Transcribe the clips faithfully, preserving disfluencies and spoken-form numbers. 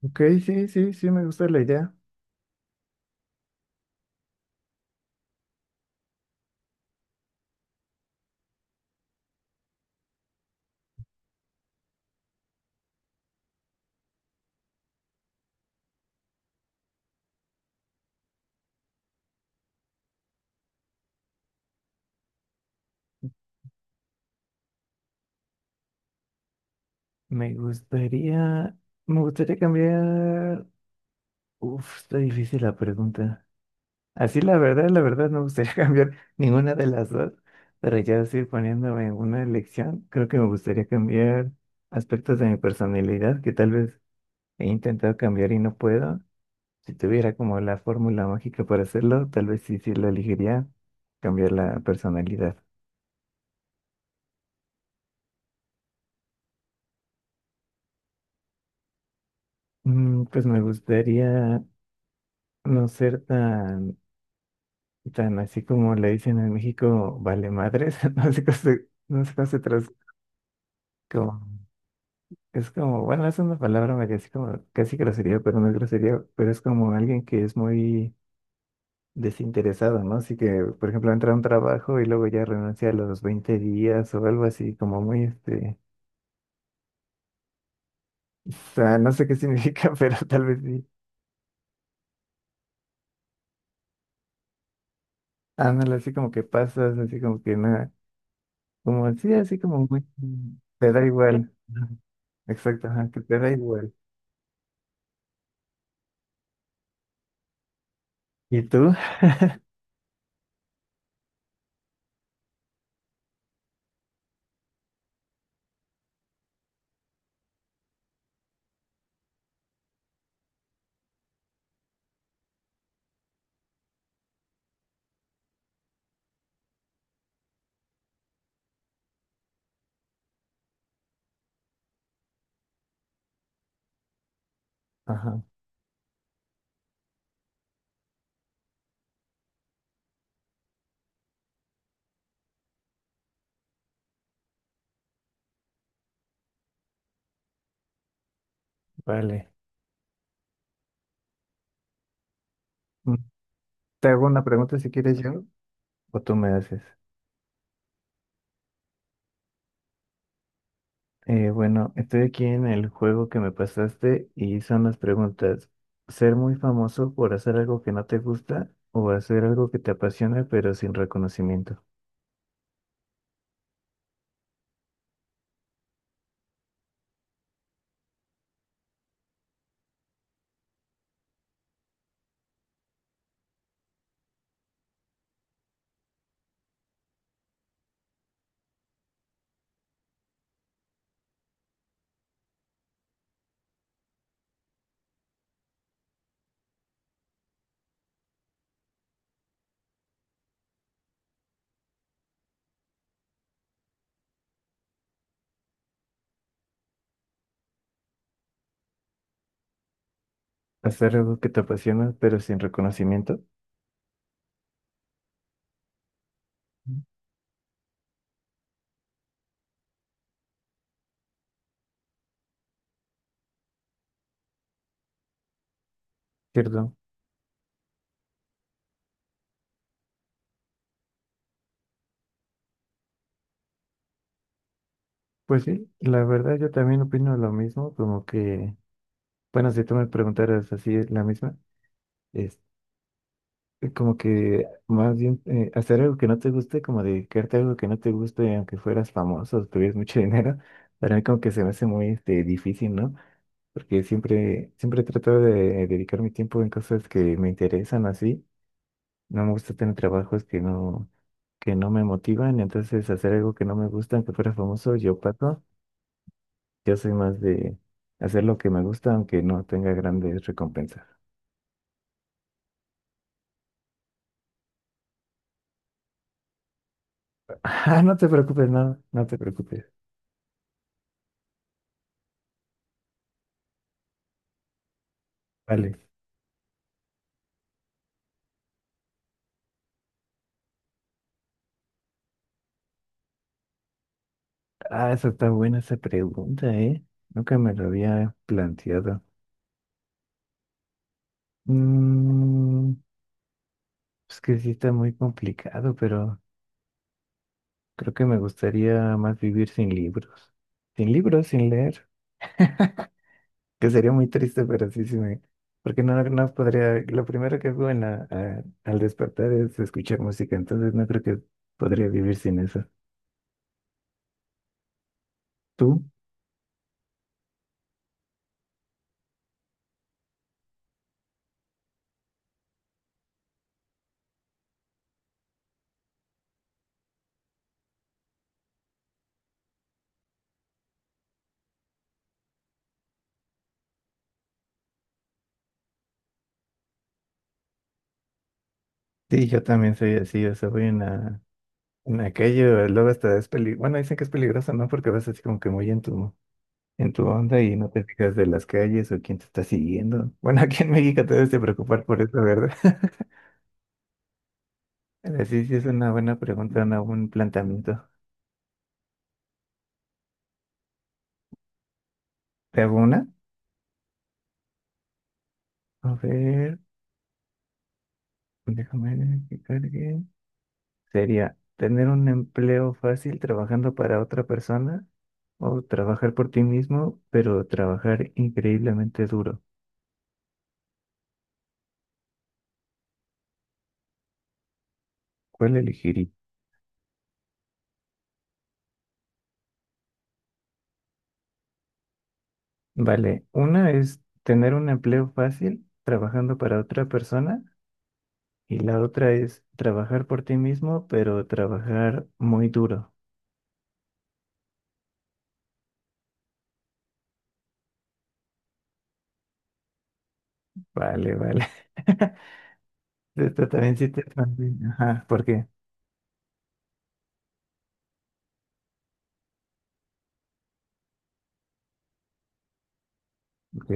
Ok, sí, sí, sí, me gusta la idea. Me gustaría, me gustaría cambiar. Uf, está difícil la pregunta. Así la verdad, la verdad, no me gustaría cambiar ninguna de las dos, pero ya estoy poniéndome en una elección. Creo que me gustaría cambiar aspectos de mi personalidad que tal vez he intentado cambiar y no puedo. Si tuviera como la fórmula mágica para hacerlo, tal vez sí, sí la elegiría, cambiar la personalidad. Mm, pues me gustaría no ser tan Tan así como le dicen en México, vale madres, no sé cómo se, no sé cómo se tras- como- es como, bueno, es una palabra medio así como casi grosería, pero no es grosería, pero es como alguien que es muy desinteresado, ¿no? Así que, por ejemplo, entra a un trabajo y luego ya renuncia a los veinte días o algo así, como muy este, o sea, no sé qué significa, pero tal vez sí. Ah, ándale, así como que pasas, así como que nada, como sí, así como muy, te da igual. Ajá, exacto, ajá, que te da igual. ¿Y tú? Ajá, vale. Mm, Te hago una pregunta si quieres yo o tú me haces. Eh, bueno, estoy aquí en el juego que me pasaste y son las preguntas. ¿Ser muy famoso por hacer algo que no te gusta o hacer algo que te apasiona pero sin reconocimiento? Hacer algo que te apasiona pero sin reconocimiento. Ujú. Cierto. Pues sí, la verdad yo también opino lo mismo, como que, bueno, si tú me preguntaras así la misma, eh, como que más bien eh, hacer algo que no te guste, como dedicarte a algo que no te guste, aunque fueras famoso, tuvieras mucho dinero, para mí como que se me hace muy este, difícil, ¿no? Porque siempre, siempre trato de dedicar mi tiempo en cosas que me interesan así. No me gusta tener trabajos que no, que no me motivan, entonces hacer algo que no me gusta, aunque fuera famoso, yo paso. Yo soy más de hacer lo que me gusta, aunque no tenga grandes recompensas. Ah, no te preocupes, no, no te preocupes. Vale. Ah, esa está buena esa pregunta, ¿eh? Nunca me lo había planteado. Mm, es que sí está muy complicado, pero creo que me gustaría más vivir sin libros. Sin libros, sin leer, que sería muy triste, pero sí, sí me... Porque no, no podría... Lo primero que hago en la- a- al despertar es escuchar música, entonces no creo que podría vivir sin eso. ¿Tú? Sí, yo también soy así, o sea, voy en la... en aquello, luego hasta es peli... bueno, dicen que es peligroso, ¿no? Porque vas así como que muy entusiasmado en tu onda y no te fijas de las calles o quién te está siguiendo. Bueno, aquí en México te debes de preocupar por eso, ¿verdad? Pero sí, sí es una buena pregunta, una, un buen planteamiento. ¿Te hago una? A ver, déjame ver que cargue. Sería tener un empleo fácil trabajando para otra persona o trabajar por ti mismo, pero trabajar increíblemente duro. ¿Cuál elegiría? Vale, una es tener un empleo fácil trabajando para otra persona. Y la otra es trabajar por ti mismo, pero trabajar muy duro. Vale, vale. Esto también sí te... transmite. Ajá, ¿por qué? Ok,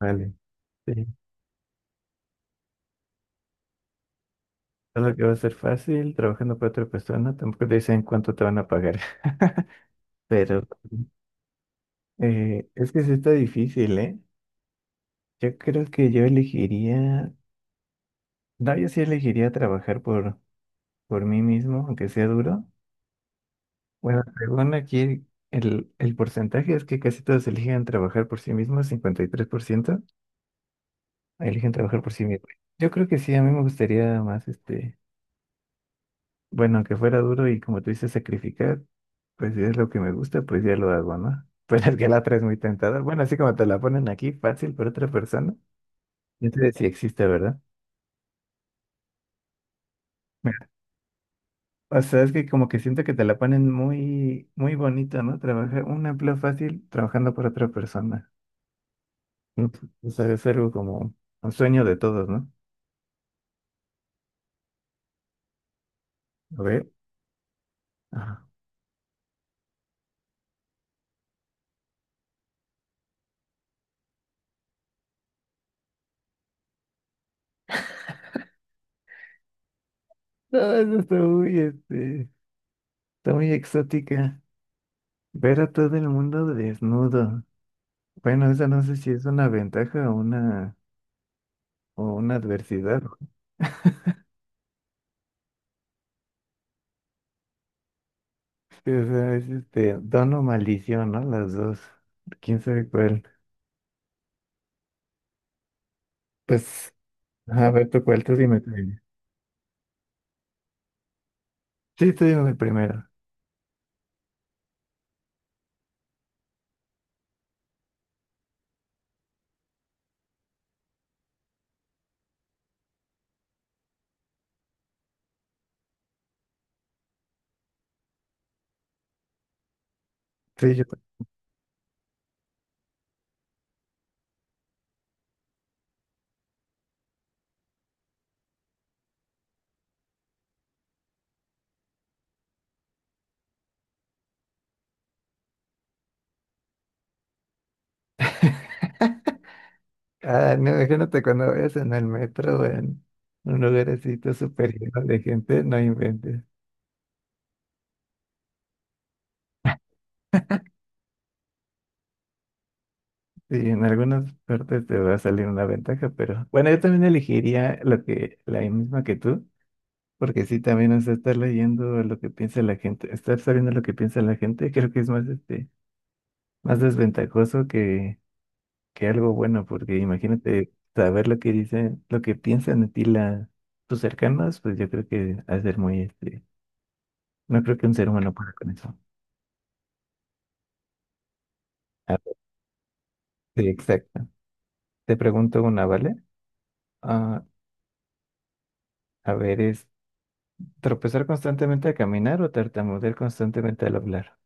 vale. Sí. Solo que va a ser fácil, trabajando para otra persona, tampoco te dicen cuánto te van a pagar. Pero eh, es que sí está difícil, ¿eh? Yo creo que yo elegiría, no, yo sí elegiría trabajar por, por mí mismo, aunque sea duro. Bueno, según aquí, el, el porcentaje es que casi todos eligen trabajar por sí mismos, cincuenta y tres por ciento eligen trabajar por sí mismos. Yo creo que sí, a mí me gustaría más, este, bueno, aunque fuera duro y como tú dices, sacrificar, pues si es lo que me gusta, pues ya lo hago, ¿no? Pero es que la otra es muy tentadora. Bueno, así como te la ponen aquí, fácil para otra persona. Entonces sí existe, ¿verdad? O sea, es que como que siento que te la ponen muy, muy bonito, ¿no? Trabajar un empleo fácil trabajando por otra persona. No, pues, es algo como un sueño de todos, ¿no? A ver. Ah. No, eso está muy, este, está muy exótica. Ver a todo el mundo desnudo. Bueno, esa no sé si es una ventaja o una, o una adversidad. Sí, o sea, es este, don o maldición, ¿no? Las dos. ¿Quién sabe cuál? Pues, a ver, tú cuál, tú dime. Tú dime. Sí, tú dime primero. Sí, yo. Ah, no, imagínate cuando vayas en el metro o en un lugar así, lleno de gente, no inventes. Sí, en algunas partes te va a salir una ventaja, pero bueno, yo también elegiría lo que, la misma que tú, porque sí, también, o sea, estar leyendo lo que piensa la gente, estar sabiendo lo que piensa la gente, creo que es más, este, más desventajoso que, que algo bueno, porque imagínate saber lo que dicen, lo que piensan de ti la, tus cercanos, pues yo creo que ha de ser muy, este, no creo que un ser humano pueda con eso. A ver, sí, exacto. Te pregunto una, ¿vale? Ah, a ver, ¿tropezar constantemente al caminar o tartamudear constantemente al hablar?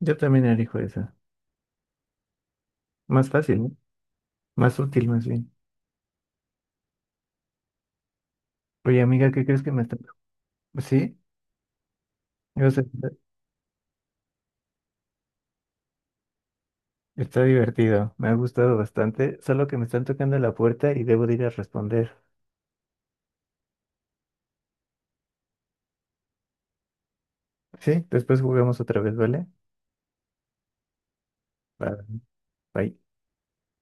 Yo también elijo esa. Más fácil, ¿no? Más útil, más bien. Oye, amiga, ¿qué crees que me está... Sí, o sea, está está divertido. Me ha gustado bastante. Solo que me están tocando la puerta y debo de ir a responder. Sí, después jugamos otra vez, ¿vale? Va, Bye.